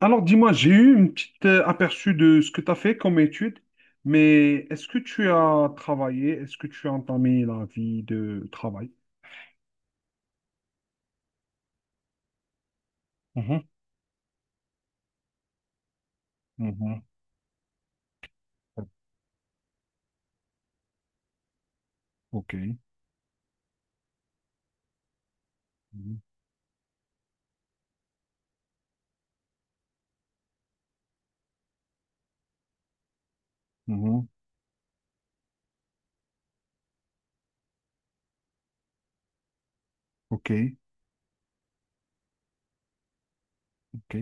Alors dis-moi, j'ai eu une petite aperçu de ce que tu as fait comme étude, mais est-ce que tu as travaillé? Est-ce que tu as entamé la vie de travail? Mhm. Mhm. OK. Mhm. Mhm. OK. OK.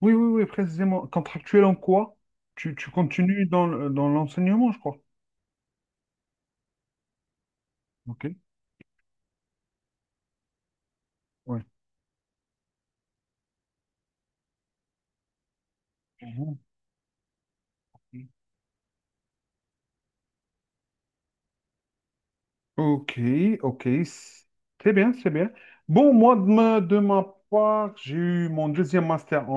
Oui, oui, oui, précisément. Contractuel en quoi? Tu continues dans l'enseignement, je crois. OK. Ouais. Mhm. Mhm. OK, OK, c'est bien, c'est bien. Bon, moi, de ma part, j'ai eu mon deuxième master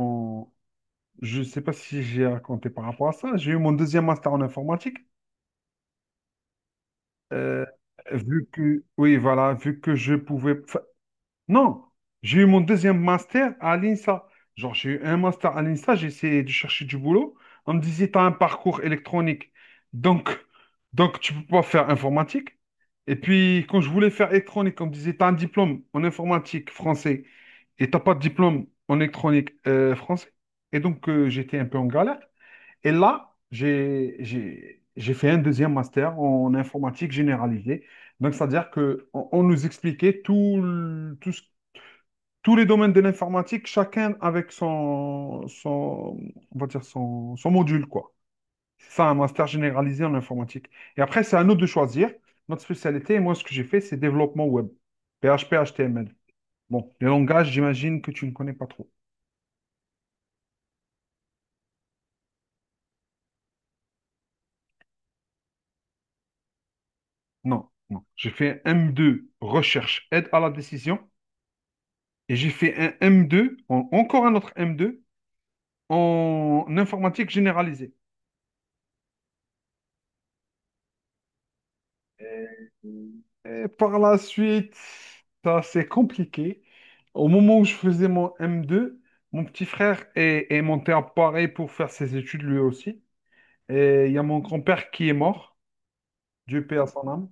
en, Je ne sais pas si j'ai raconté par rapport à ça. J'ai eu mon deuxième master en informatique. Euh, oui, voilà, vu que je pouvais. Enfin, non, j'ai eu mon deuxième master à l'INSA. Genre, j'ai eu un master à l'INSA, j'ai essayé de chercher du boulot. On me disait, tu as un parcours électronique. Donc, donc tu peux pas faire informatique. Et puis, quand je voulais faire électronique, on me disait, tu as un diplôme en informatique français et t'as pas de diplôme en électronique français. Et donc, j'étais un peu en galère. Et là, j'ai fait un deuxième master en informatique généralisée. Donc, c'est-à-dire que on nous expliquait tout, le- tout ce- tous les domaines de l'informatique, chacun avec on va dire son module, quoi. C'est ça, un master généralisé en informatique. Et après, c'est à nous de choisir notre spécialité. Et moi, ce que j'ai fait, c'est développement web. PHP, HTML. Bon, les langages, j'imagine que tu ne connais pas trop. Non, non. J'ai fait un M2, recherche, aide à la décision. Et j'ai fait un M2, encore un autre M2, en informatique généralisée. Et par la suite, ça c'est compliqué. Au moment où je faisais mon M2, mon petit frère est monté à Paris pour faire ses études lui aussi. Et il y a mon grand-père qui est mort, Dieu paix à son âme.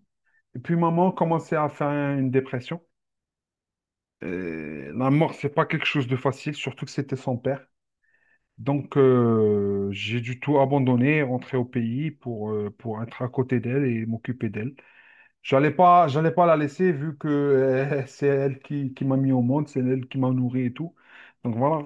Et puis maman commençait à faire une dépression. Et la mort, c'est pas quelque chose de facile, surtout que c'était son père. Donc, j'ai du tout abandonné, rentré au pays pour être à côté d'elle et m'occuper d'elle. J'allais pas la laisser vu que c'est elle qui m'a mis au monde, c'est elle qui m'a nourri et tout. Donc voilà.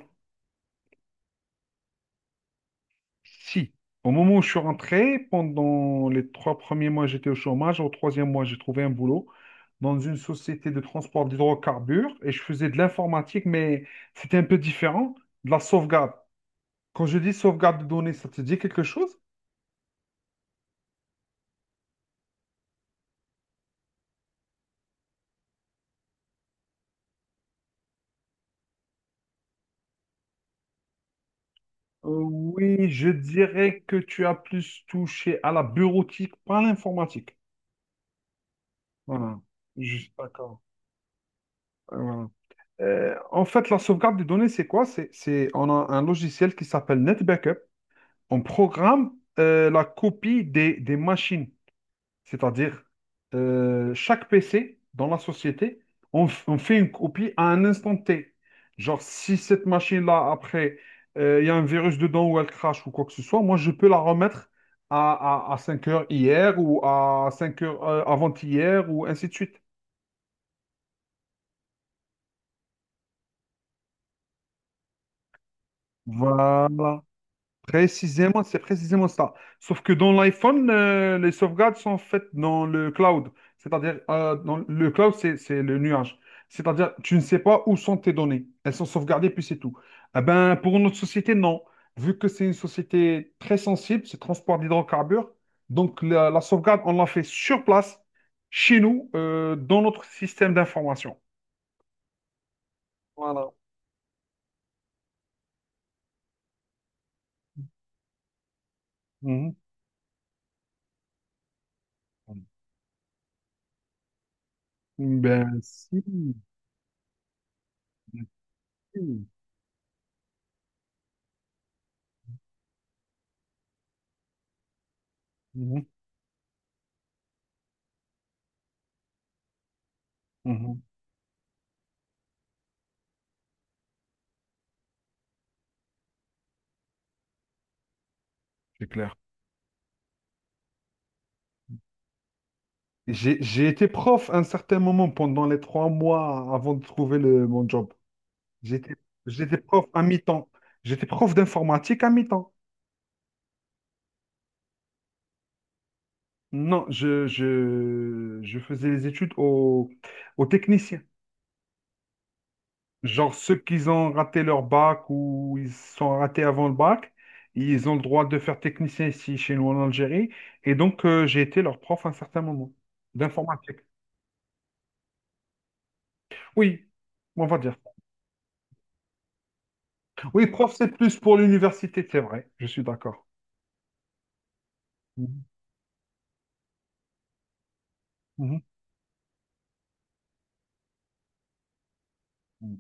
Si, au moment où je suis rentré, pendant les 3 premiers mois, j'étais au chômage. Au troisième mois, j'ai trouvé un boulot dans une société de transport d'hydrocarbures et je faisais de l'informatique, mais c'était un peu différent de la sauvegarde. Quand je dis sauvegarde de données, ça te dit quelque chose? Oui, je dirais que tu as plus touché à la bureautique, pas à l'informatique. Voilà. Juste. D'accord. Voilà. En fait, la sauvegarde des données, c'est quoi? On a un logiciel qui s'appelle NetBackup. On programme la copie des machines. C'est-à-dire, chaque PC dans la société, on fait une copie à un instant T. Genre, si cette machine-là, après, il y a un virus dedans ou elle crache ou quoi que ce soit, moi, je peux la remettre à 5 heures hier ou à 5 heures avant-hier ou ainsi de suite. Voilà. Précisément, c'est précisément ça. Sauf que dans l'iPhone, les sauvegardes sont faites dans le cloud. C'est-à-dire, dans le cloud, c'est le nuage. C'est-à-dire, tu ne sais pas où sont tes données. Elles sont sauvegardées, puis c'est tout. Eh ben, pour notre société, non. Vu que c'est une société très sensible, c'est transport d'hydrocarbures. Donc, la sauvegarde, on l'a fait sur place, chez nous, dans notre système d'information. Voilà. Mhm. Ben, si. Ben, si. Mhm. Mhm. Mhm. C'est clair. J'ai été prof à un certain moment pendant les 3 mois avant de trouver mon job. J'étais, j'étais prof à mi-temps. J'étais prof d'informatique à mi-temps. Non, je faisais les études aux techniciens. Genre ceux qui ont raté leur bac ou ils se sont ratés avant le bac, ils ont le droit de faire technicien ici chez nous en Algérie. Et donc, j'ai été leur prof à un certain moment d'informatique. Oui, on va dire. Oui, prof, c'est plus pour l'université, c'est vrai. Je suis d'accord. Mhm, mhm. OK.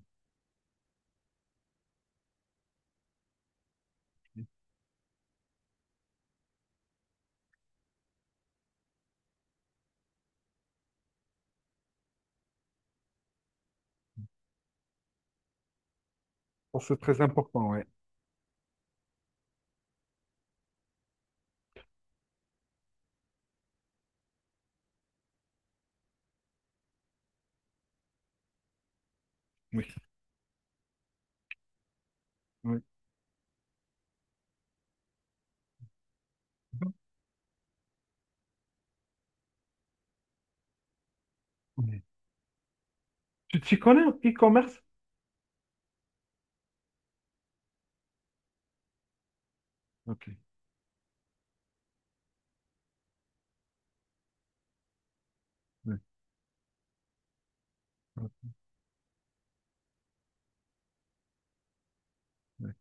Bon, c'est très important, ouais. Oui, oui. Oui. Tu t'y connais en e-commerce? OK. Oui, oui, oui.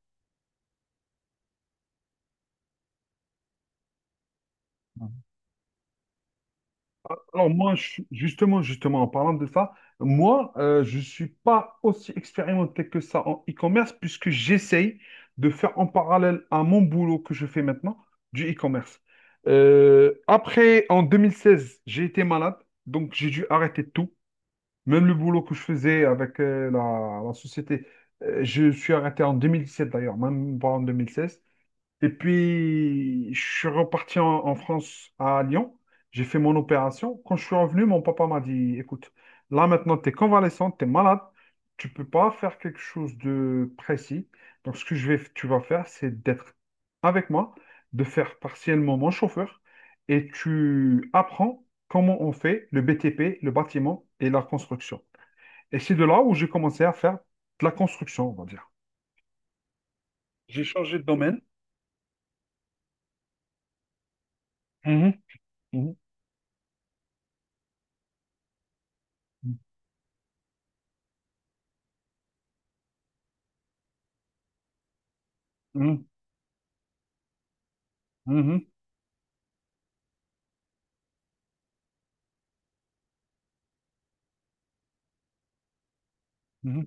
Mhm. Alors moi, justement, en parlant de ça, moi, je ne suis pas aussi expérimenté que ça en e-commerce puisque j'essaye de faire en parallèle à mon boulot que je fais maintenant du e-commerce. Après, en 2016, j'ai été malade, donc j'ai dû arrêter tout. Même le boulot que je faisais avec la société, je suis arrêté en 2017 d'ailleurs, même pas en 2016. Et puis, je suis reparti en France, à Lyon. J'ai fait mon opération. Quand je suis revenu, mon papa m'a dit, écoute, là maintenant, tu es convalescent, tu es malade, tu peux pas faire quelque chose de précis. Donc, ce que tu vas faire, c'est d'être avec moi, de faire partiellement mon chauffeur, et tu apprends comment on fait le BTP, le bâtiment et la construction. Et c'est de là où j'ai commencé à faire de la construction, on va dire. J'ai changé de domaine. Mhm, mhm, mhm, mhm, mhm.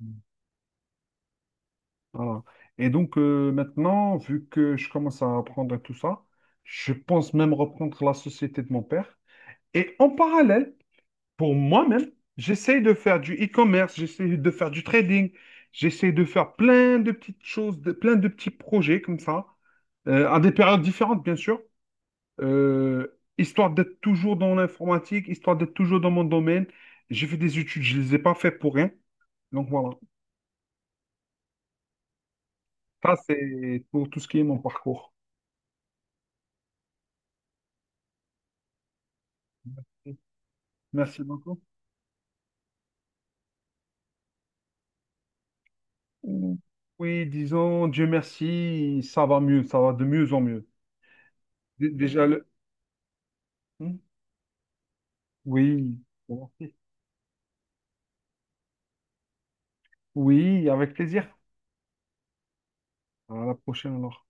Mhm. Voilà. Et donc maintenant, vu que je commence à apprendre à tout ça, je pense même reprendre la société de mon père. Et en parallèle, pour moi-même, j'essaye de faire du e-commerce, j'essaye de faire du trading, j'essaye de faire plein de petites choses, plein de petits projets comme ça, à des périodes différentes, bien sûr. Euh, histoire d'être toujours dans l'informatique, histoire d'être toujours dans mon domaine. J'ai fait des études, je ne les ai pas fait pour rien. Donc voilà, ça c'est pour tout ce qui est mon parcours. Merci, merci beaucoup. Mm. Oui, disons, Dieu merci, ça va mieux, ça va de mieux en mieux. Déjà le. Hmm. Oui, merci. Oui, avec plaisir. À la prochaine alors.